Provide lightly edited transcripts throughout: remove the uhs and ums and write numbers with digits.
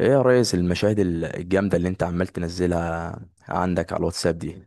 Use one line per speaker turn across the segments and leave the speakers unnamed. ايه يا ريس، المشاهد الجامدة اللي انت عمال تنزلها عندك على الواتساب دي.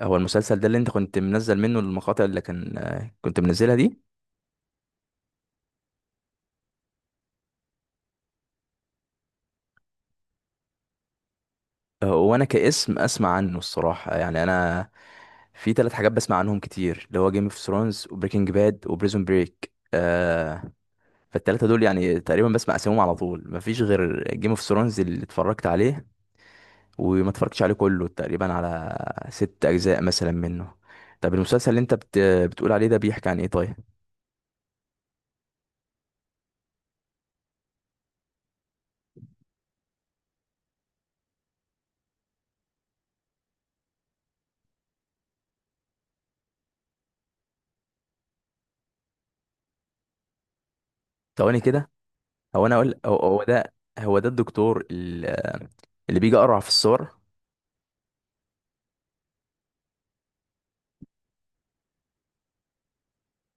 هو المسلسل ده اللي انت كنت منزل منه المقاطع اللي كان آه، كنت منزلها دي؟ وانا كاسم اسمع عنه الصراحة، يعني انا في ثلاث حاجات بسمع عنهم كتير، اللي هو جيم اوف ثرونز وبريكنج باد وبريزون بريك فالتلاتة دول يعني تقريبا بسمع اسمهم على طول، مفيش غير جيم اوف ثرونز اللي اتفرجت عليه، وما اتفرجتش عليه كله، تقريبا على ست اجزاء مثلا منه. طب المسلسل اللي انت بتقول عليه ده بيحكي عن ايه طيب؟ ثواني كده، هو انا اقول هو ده هو ده الدكتور اللي بيجي اقرع في الصور؟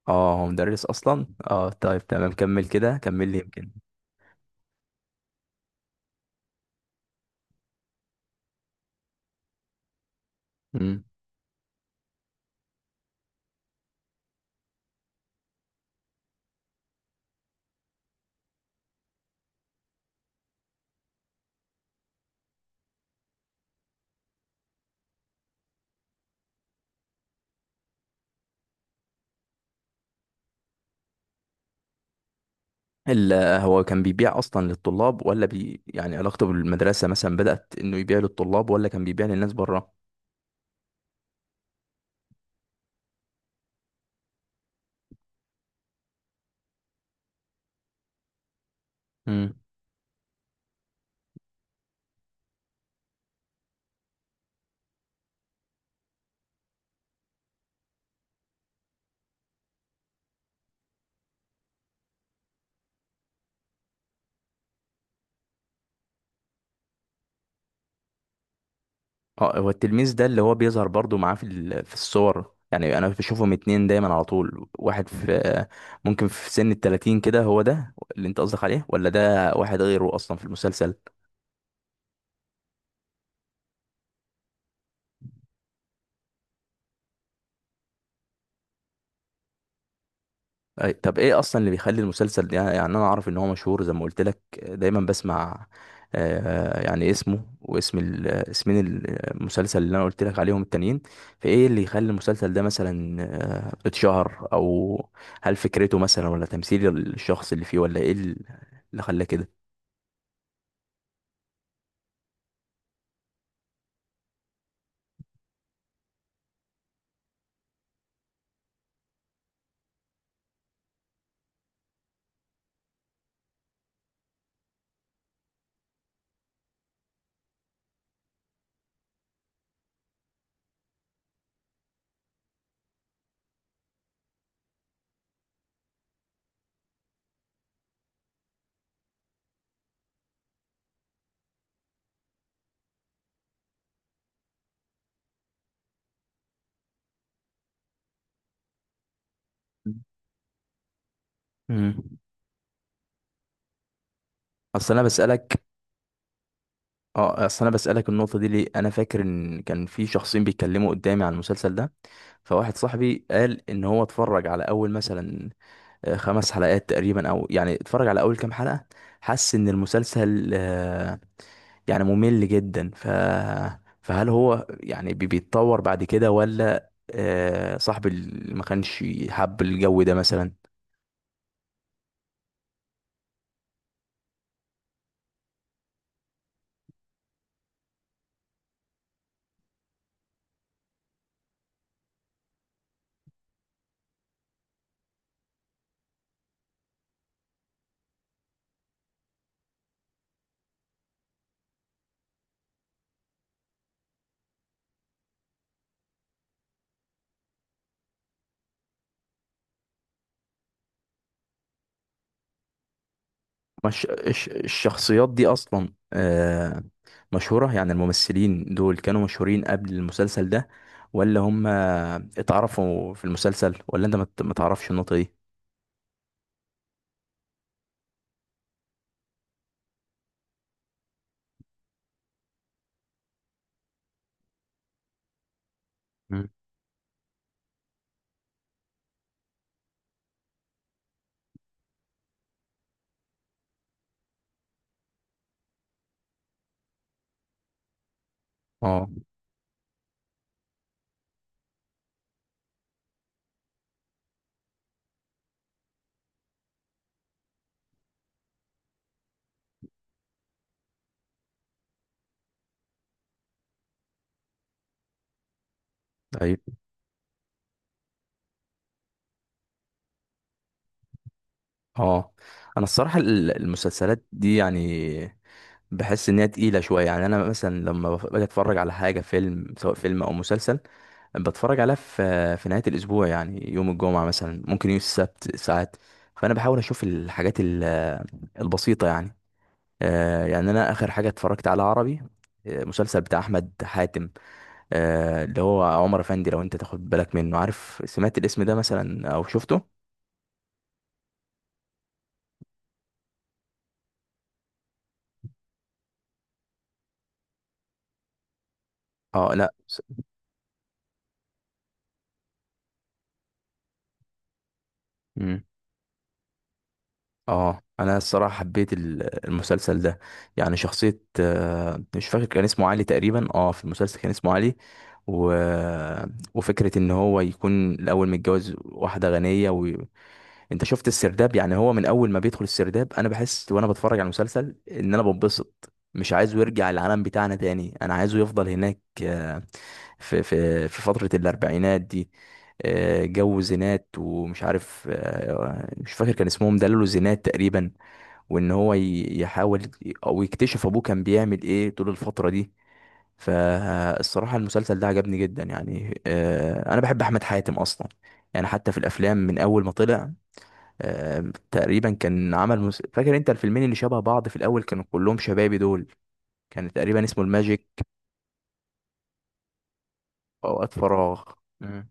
اه، هو مدرس اصلا. اه طيب تمام، كمل كده، كمل لي يمكن. امم ال- هو كان بيبيع اصلا للطلاب، ولا يعني علاقته بالمدرسه مثلا بدات انه يبيع للطلاب، ولا كان بيبيع للناس بره؟ امم اه، هو التلميذ ده اللي هو بيظهر برضو معاه في في الصور، يعني انا بشوفهم اتنين دايما على طول، واحد في ممكن في سن التلاتين كده، هو ده اللي انت قصدك عليه، ولا ده واحد غيره اصلا في المسلسل؟ أي، طب ايه اصلا اللي بيخلي المسلسل ده، يعني انا اعرف ان هو مشهور، زي ما قلت لك دايما بسمع يعني اسمه واسم اسمين المسلسل اللي انا قلت لك عليهم التانيين. فايه اللي يخلي المسلسل ده مثلا اتشهر، او هل فكرته مثلا، ولا تمثيل الشخص اللي فيه، ولا ايه اللي خلاه كده؟ امم اصل انا بسألك اه اصل انا بسألك النقطة دي ليه، انا فاكر ان كان في شخصين بيتكلموا قدامي عن المسلسل ده، فواحد صاحبي قال ان هو اتفرج على اول مثلا خمس حلقات تقريبا، او يعني اتفرج على اول كام حلقة، حس ان المسلسل يعني ممل جدا. فهل هو يعني بيتطور بعد كده، ولا صاحب ما كانش حب الجو ده مثلا؟ مش الشخصيات دي اصلا مشهورة، يعني الممثلين دول كانوا مشهورين قبل المسلسل ده، ولا هم اتعرفوا في المسلسل، ولا انت ما تعرفش النقطة دي؟ مم. اه، ايوه، اه، انا الصراحه المسلسلات دي يعني بحس ان هي تقيله شويه، يعني انا مثلا لما باجي اتفرج على حاجه، فيلم، سواء فيلم او مسلسل، بتفرج عليها في نهايه الاسبوع، يعني يوم الجمعه مثلا، ممكن يوم السبت ساعات، فانا بحاول اشوف الحاجات البسيطه يعني. يعني انا اخر حاجه اتفرجت على عربي مسلسل بتاع احمد حاتم، اللي هو عمر افندي، لو انت تاخد بالك منه، عارف، سمعت الاسم ده مثلا او شفته؟ اه، لا، اه، انا الصراحه حبيت المسلسل ده، يعني شخصيه مش فاكر كان اسمه علي تقريبا، اه في المسلسل كان اسمه علي. و... وفكره ان هو يكون الاول متجوز واحده غنيه، انت شفت السرداب؟ يعني هو من اول ما بيدخل السرداب انا بحس وانا بتفرج على المسلسل ان انا بنبسط، مش عايزه يرجع العالم بتاعنا تاني، انا عايزه يفضل هناك في فترة الاربعينات دي، جو زينات ومش عارف، مش فاكر كان اسمهم دللو زينات تقريبا. وان هو يحاول او يكتشف ابوه كان بيعمل ايه طول الفترة دي. فالصراحة المسلسل ده عجبني جدا، يعني انا بحب احمد حاتم اصلا، يعني حتى في الافلام من اول ما طلع آه، تقريبا كان عمل فاكر انت الفيلمين اللي شبه بعض في الاول، كانوا كلهم شبابي دول، كان تقريبا اسمه الماجيك، اوقات فراغ. مم.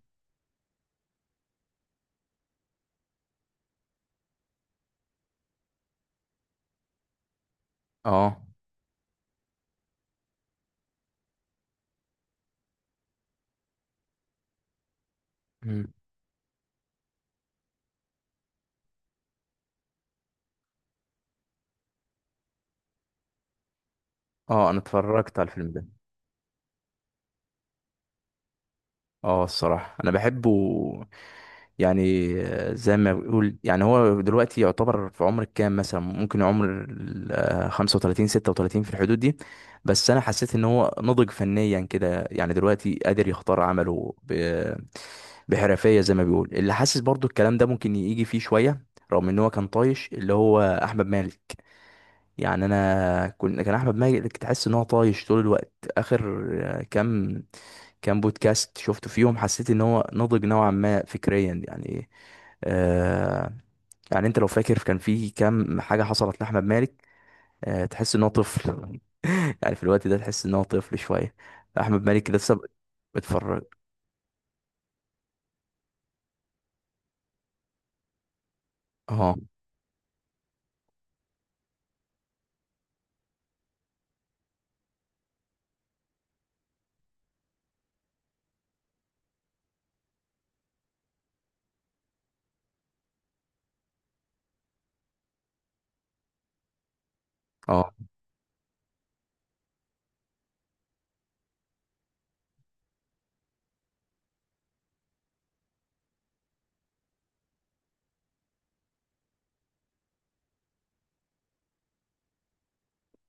اه. مم. اه، انا اتفرجت على الفيلم ده. اه الصراحة انا بحبه، يعني زي ما بيقول، يعني هو دلوقتي يعتبر في عمر الكام مثلا، ممكن عمر 35 36 في الحدود دي، بس انا حسيت ان هو نضج فنيا كده، يعني دلوقتي قادر يختار عمله بحرفية، زي ما بيقول اللي حاسس، برضو الكلام ده ممكن يجي فيه شوية، رغم ان هو كان طايش، اللي هو احمد مالك، يعني انا كنت، كان احمد مالك تحس ان هو طايش طول الوقت. اخر آه، كام كام بودكاست شفته فيهم، حسيت ان هو نضج نوعا ما فكريا يعني. آه يعني انت لو فاكر كان في كام حاجة حصلت لأحمد مالك، تحس ان هو طفل يعني في الوقت ده تحس ان هو طفل شوية، احمد مالك لسه بتفرج. اه، اه،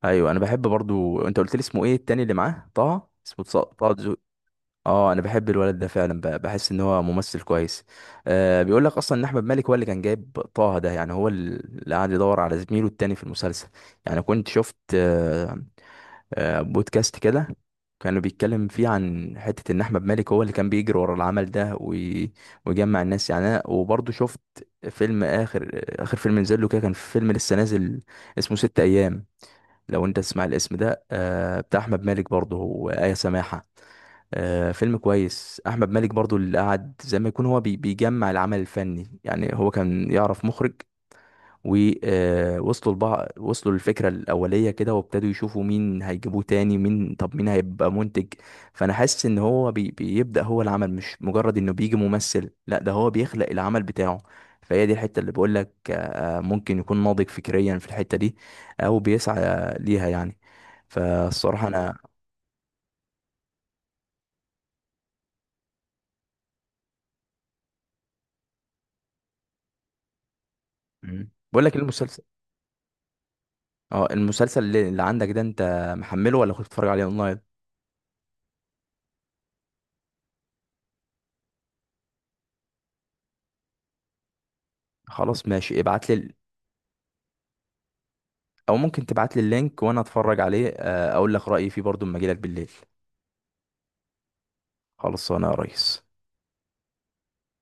ايوه، انا بحب برضو. انت قلت لي اسمه ايه التاني اللي معاه طه، اسمه طه دسوقي؟ اه انا بحب الولد ده فعلا، بحس ان هو ممثل كويس. بيقول لك اصلا ان احمد مالك هو اللي كان جايب طه ده، يعني هو اللي قاعد يدور على زميله التاني في المسلسل، يعني كنت شفت بودكاست كده كانوا بيتكلم فيه عن حتة ان احمد مالك هو اللي كان بيجري ورا العمل ده، ويجمع الناس يعني. انا وبرضه شفت فيلم اخر، اخر فيلم نزل له كده، كان فيلم لسه نازل اسمه ست ايام، لو انت تسمع الاسم ده، بتاع احمد مالك برضه وآية سماحة، فيلم كويس. احمد مالك برضه اللي قعد زي ما يكون هو بيجمع العمل الفني، يعني هو كان يعرف مخرج ووصلوا لبعض، وصلوا للفكرة الأولية كده، وابتدوا يشوفوا مين هيجيبوه تاني، مين، طب مين هيبقى منتج. فأنا حاسس إن هو بيبدأ هو العمل، مش مجرد إنه بيجي ممثل، لا ده هو بيخلق العمل بتاعه. فهي دي الحتة اللي بقول لك ممكن يكون ناضج فكريا في الحتة دي، أو بيسعى ليها يعني. فالصراحة أنا بقول لك إيه المسلسل. اه المسلسل اللي عندك ده، انت محمله ولا كنت بتتفرج عليه اونلاين؟ خلاص ماشي، ابعت لي، او ممكن تبعت لي اللينك وانا اتفرج عليه، اقول لك رايي فيه برضو اما اجي لك بالليل. خلصانه يا ريس.